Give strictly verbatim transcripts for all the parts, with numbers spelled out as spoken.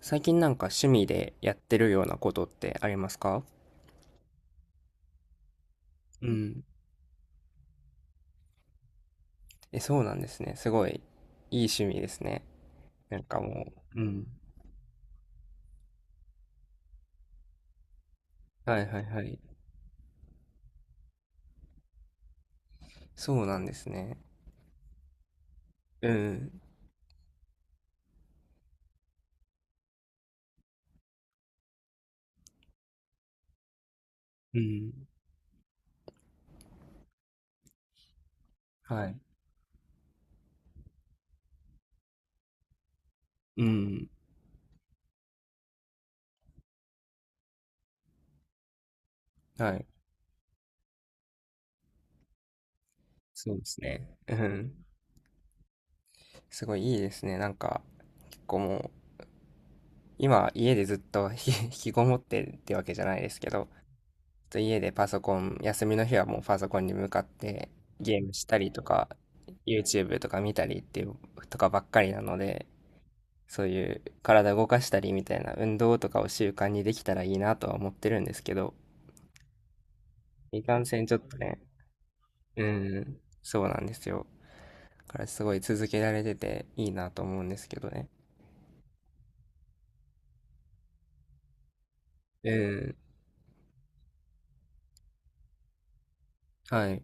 最近なんか趣味でやってるようなことってありますか？うん。え、そうなんですね。すごいいい趣味ですね。なんかもう、うん、はいはいはい。そうなんですね。うん。うん、はい。うん、はい。そうですね。うん。すごいいいですね。なんか、結構もう、今家でずっとひ 引きこもってってわけじゃないですけど、と家でパソコン、休みの日はもうパソコンに向かってゲームしたりとか、YouTube とか見たりっていうとかばっかりなので、そういう体動かしたりみたいな運動とかを習慣にできたらいいなとは思ってるんですけど、いかんせんちょっとね、うん、そうなんですよ。だからすごい続けられてていいなと思うんですけどね。うん、はい。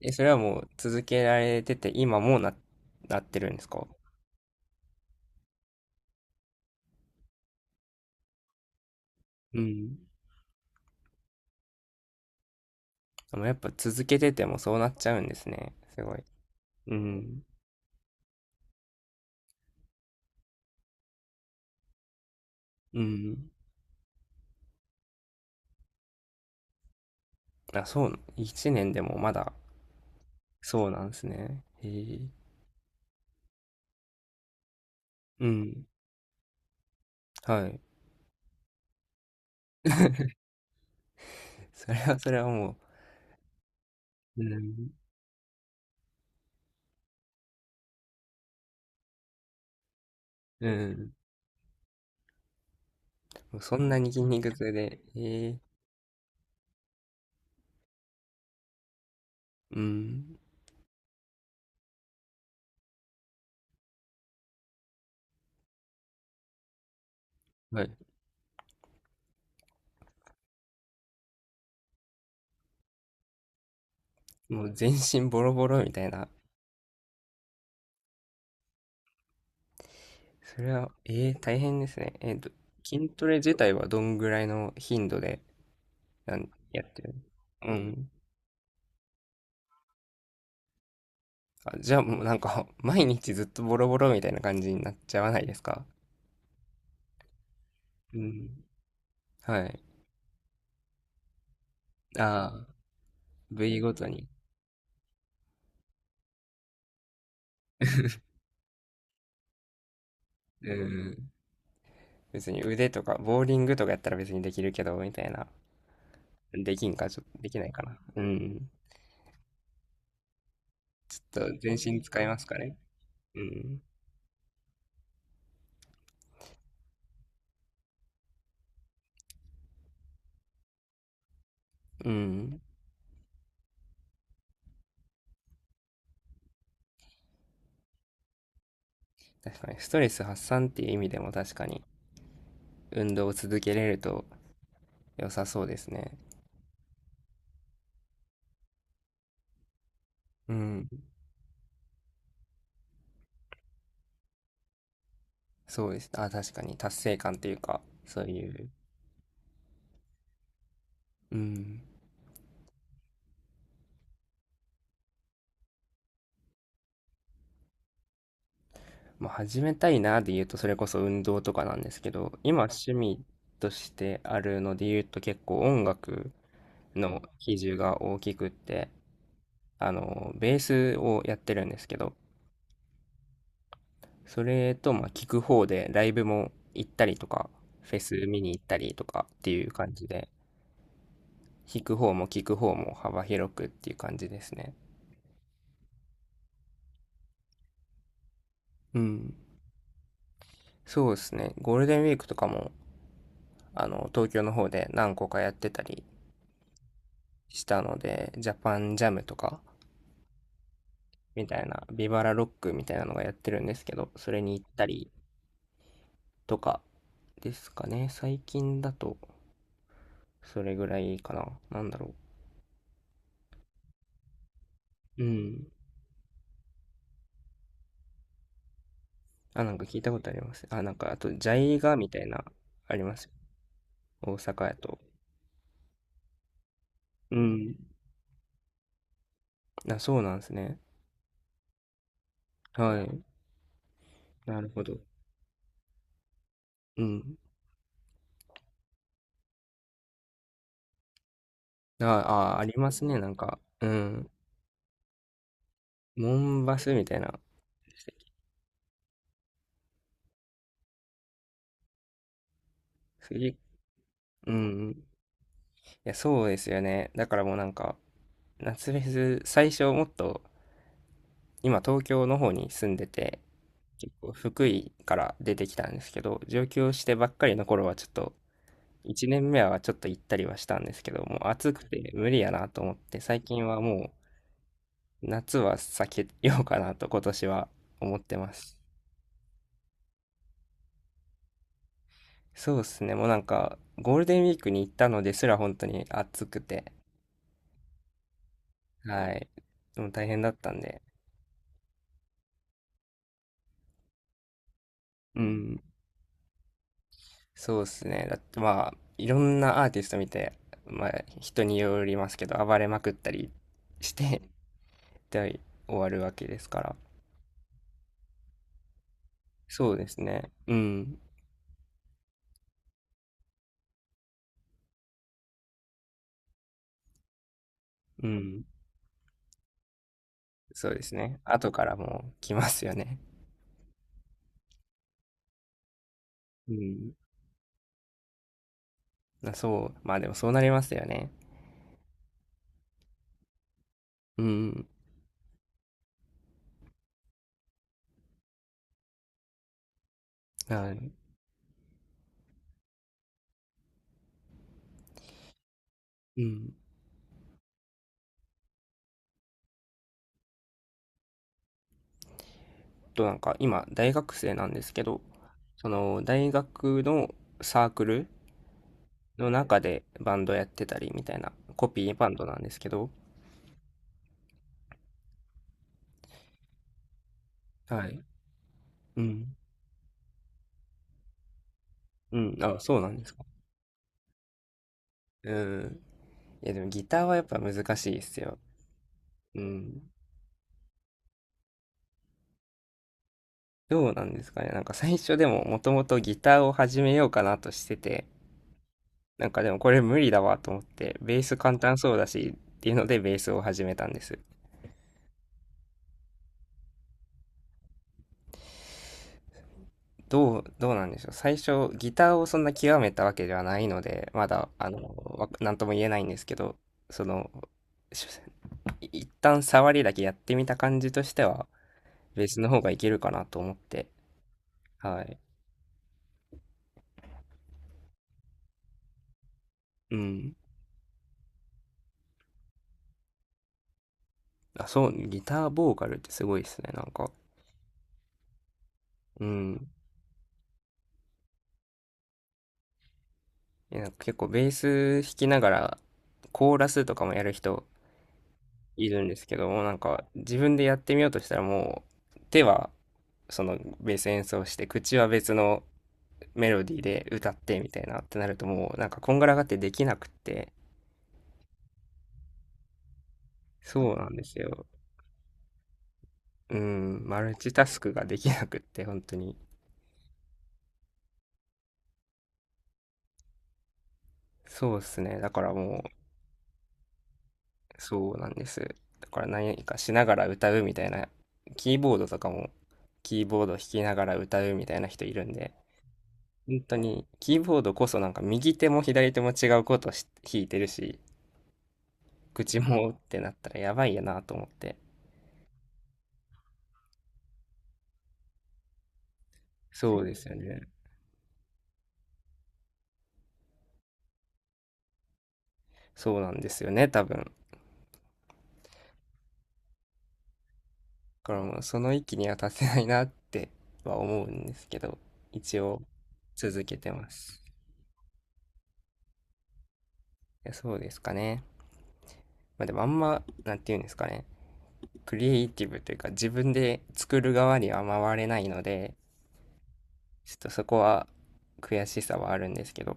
え、それはもう続けられてて今もうな、なってるんですか？うん。でもやっぱ続けててもそうなっちゃうんですね。すごい。うん。うん。あ、そう、いちねんでもまだ、そうなんですね。へえ。うん。はい。それはそれはもう、うん。うん。もうそんなに筋肉痛で、へえ。うん。はい。もう全身ボロボロみたいな。それは、ええ、大変ですね。えっと、筋トレ自体はどんぐらいの頻度で、なん、やってる？うん。じゃあもうなんか 毎日ずっとボロボロみたいな感じになっちゃわないですか？うん。はい。ああ、部位ごとに。うん。別に腕とか、ボーリングとかやったら別にできるけど、みたいな。できんか、ちょっとできないかな。うん。ちょっと全身使いますかね。うん。うん。確かに、ストレス発散っていう意味でも確かに、運動を続けれると良さそうですね。うん。そうです。あ、確かに、達成感っていうか、そういう。うん。まあ、始めたいなで言うと、それこそ運動とかなんですけど、今趣味としてあるので言うと結構音楽の比重が大きくって、あの、ベースをやってるんですけど、それと、まあ、聞く方でライブも行ったりとか、フェス見に行ったりとかっていう感じで、弾く方も聞く方も幅広くっていう感じですね。うん。そうですね。ゴールデンウィークとかも、あの、東京の方で何個かやってたりしたので、ジャパンジャムとか、みたいな、ビバラロックみたいなのがやってるんですけど、それに行ったりとかですかね。最近だと、それぐらいかな。なんだろう。うん。あ、なんか聞いたことあります。あ、なんか、あと、ジャイガみたいな、ありますよ。大阪やと。うん。あ、そうなんですね。はい。なるほど。うん。あ、あ、ありますね。なんか、うん。モンバスみたいな。すげえ、うんうん。いや、そうですよね。だからもうなんか、夏フェス、最初もっと今東京の方に住んでて、結構福井から出てきたんですけど、上京してばっかりの頃はちょっと、いちねんめはちょっと行ったりはしたんですけど、もう暑くて無理やなと思って、最近はもう夏は避けようかなと今年は思ってます。そうですね、もうなんかゴールデンウィークに行ったのですら本当に暑くて、はい、でも大変だったんで、うん。そうですね。だってまあ、いろんなアーティスト見て、まあ、人によりますけど、暴れまくったりして、で、終わるわけですから。そうですね。うん。うん。そうですね。後からもう来ますよね。うん。まあそう。まあでもそうなりますよね。うん。はい。うん。と、なんか今、大学生なんですけど、その、大学のサークルの中でバンドやってたりみたいな、コピーバンドなんですけど、はい。うん。うん。あ、そうなんですか。うん。いや、でもギターはやっぱ難しいですよ。うん。どうなんですかね。なんか最初でももともとギターを始めようかなとしてて、なんかでもこれ無理だわと思って、ベース簡単そうだしっていうのでベースを始めたんです。どう、どうなんでしょう。最初ギターをそんな極めたわけではないので、まだ、あの、わなんとも言えないんですけど、その、し一旦触りだけやってみた感じとしては、ベースの方がいけるかなと思って、はい。うん。あ、そう、ギターボーカルってすごいですね。なんか、うん。え、なんか結構ベース弾きながら、コーラスとかもやる人いるんですけども、なんか自分でやってみようとしたらもう、手はそのベース演奏して、口は別のメロディーで歌ってみたいなってなるともう、なんかこんがらがってできなくって、そうなんですよ。うん、マルチタスクができなくって、本当に。そうですね。だからもう、そうなんです。だから何かしながら歌うみたいな、キーボードとかもキーボード弾きながら歌うみたいな人いるんで、本当にキーボードこそなんか右手も左手も違うことし弾いてるし、口もってなったらやばいやなと思って。そうですよね。そうなんですよね、多分。だからもうその域には達せないなっては思うんですけど、一応続けてます。いやそうですかね。まあでもあんま、なんて言うんですかね。クリエイティブというか自分で作る側には回れないので、ちょっとそこは悔しさはあるんですけど、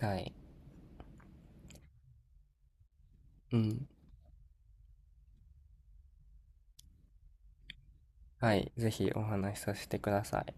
はい。うん。はい。ぜひお話しさせてください。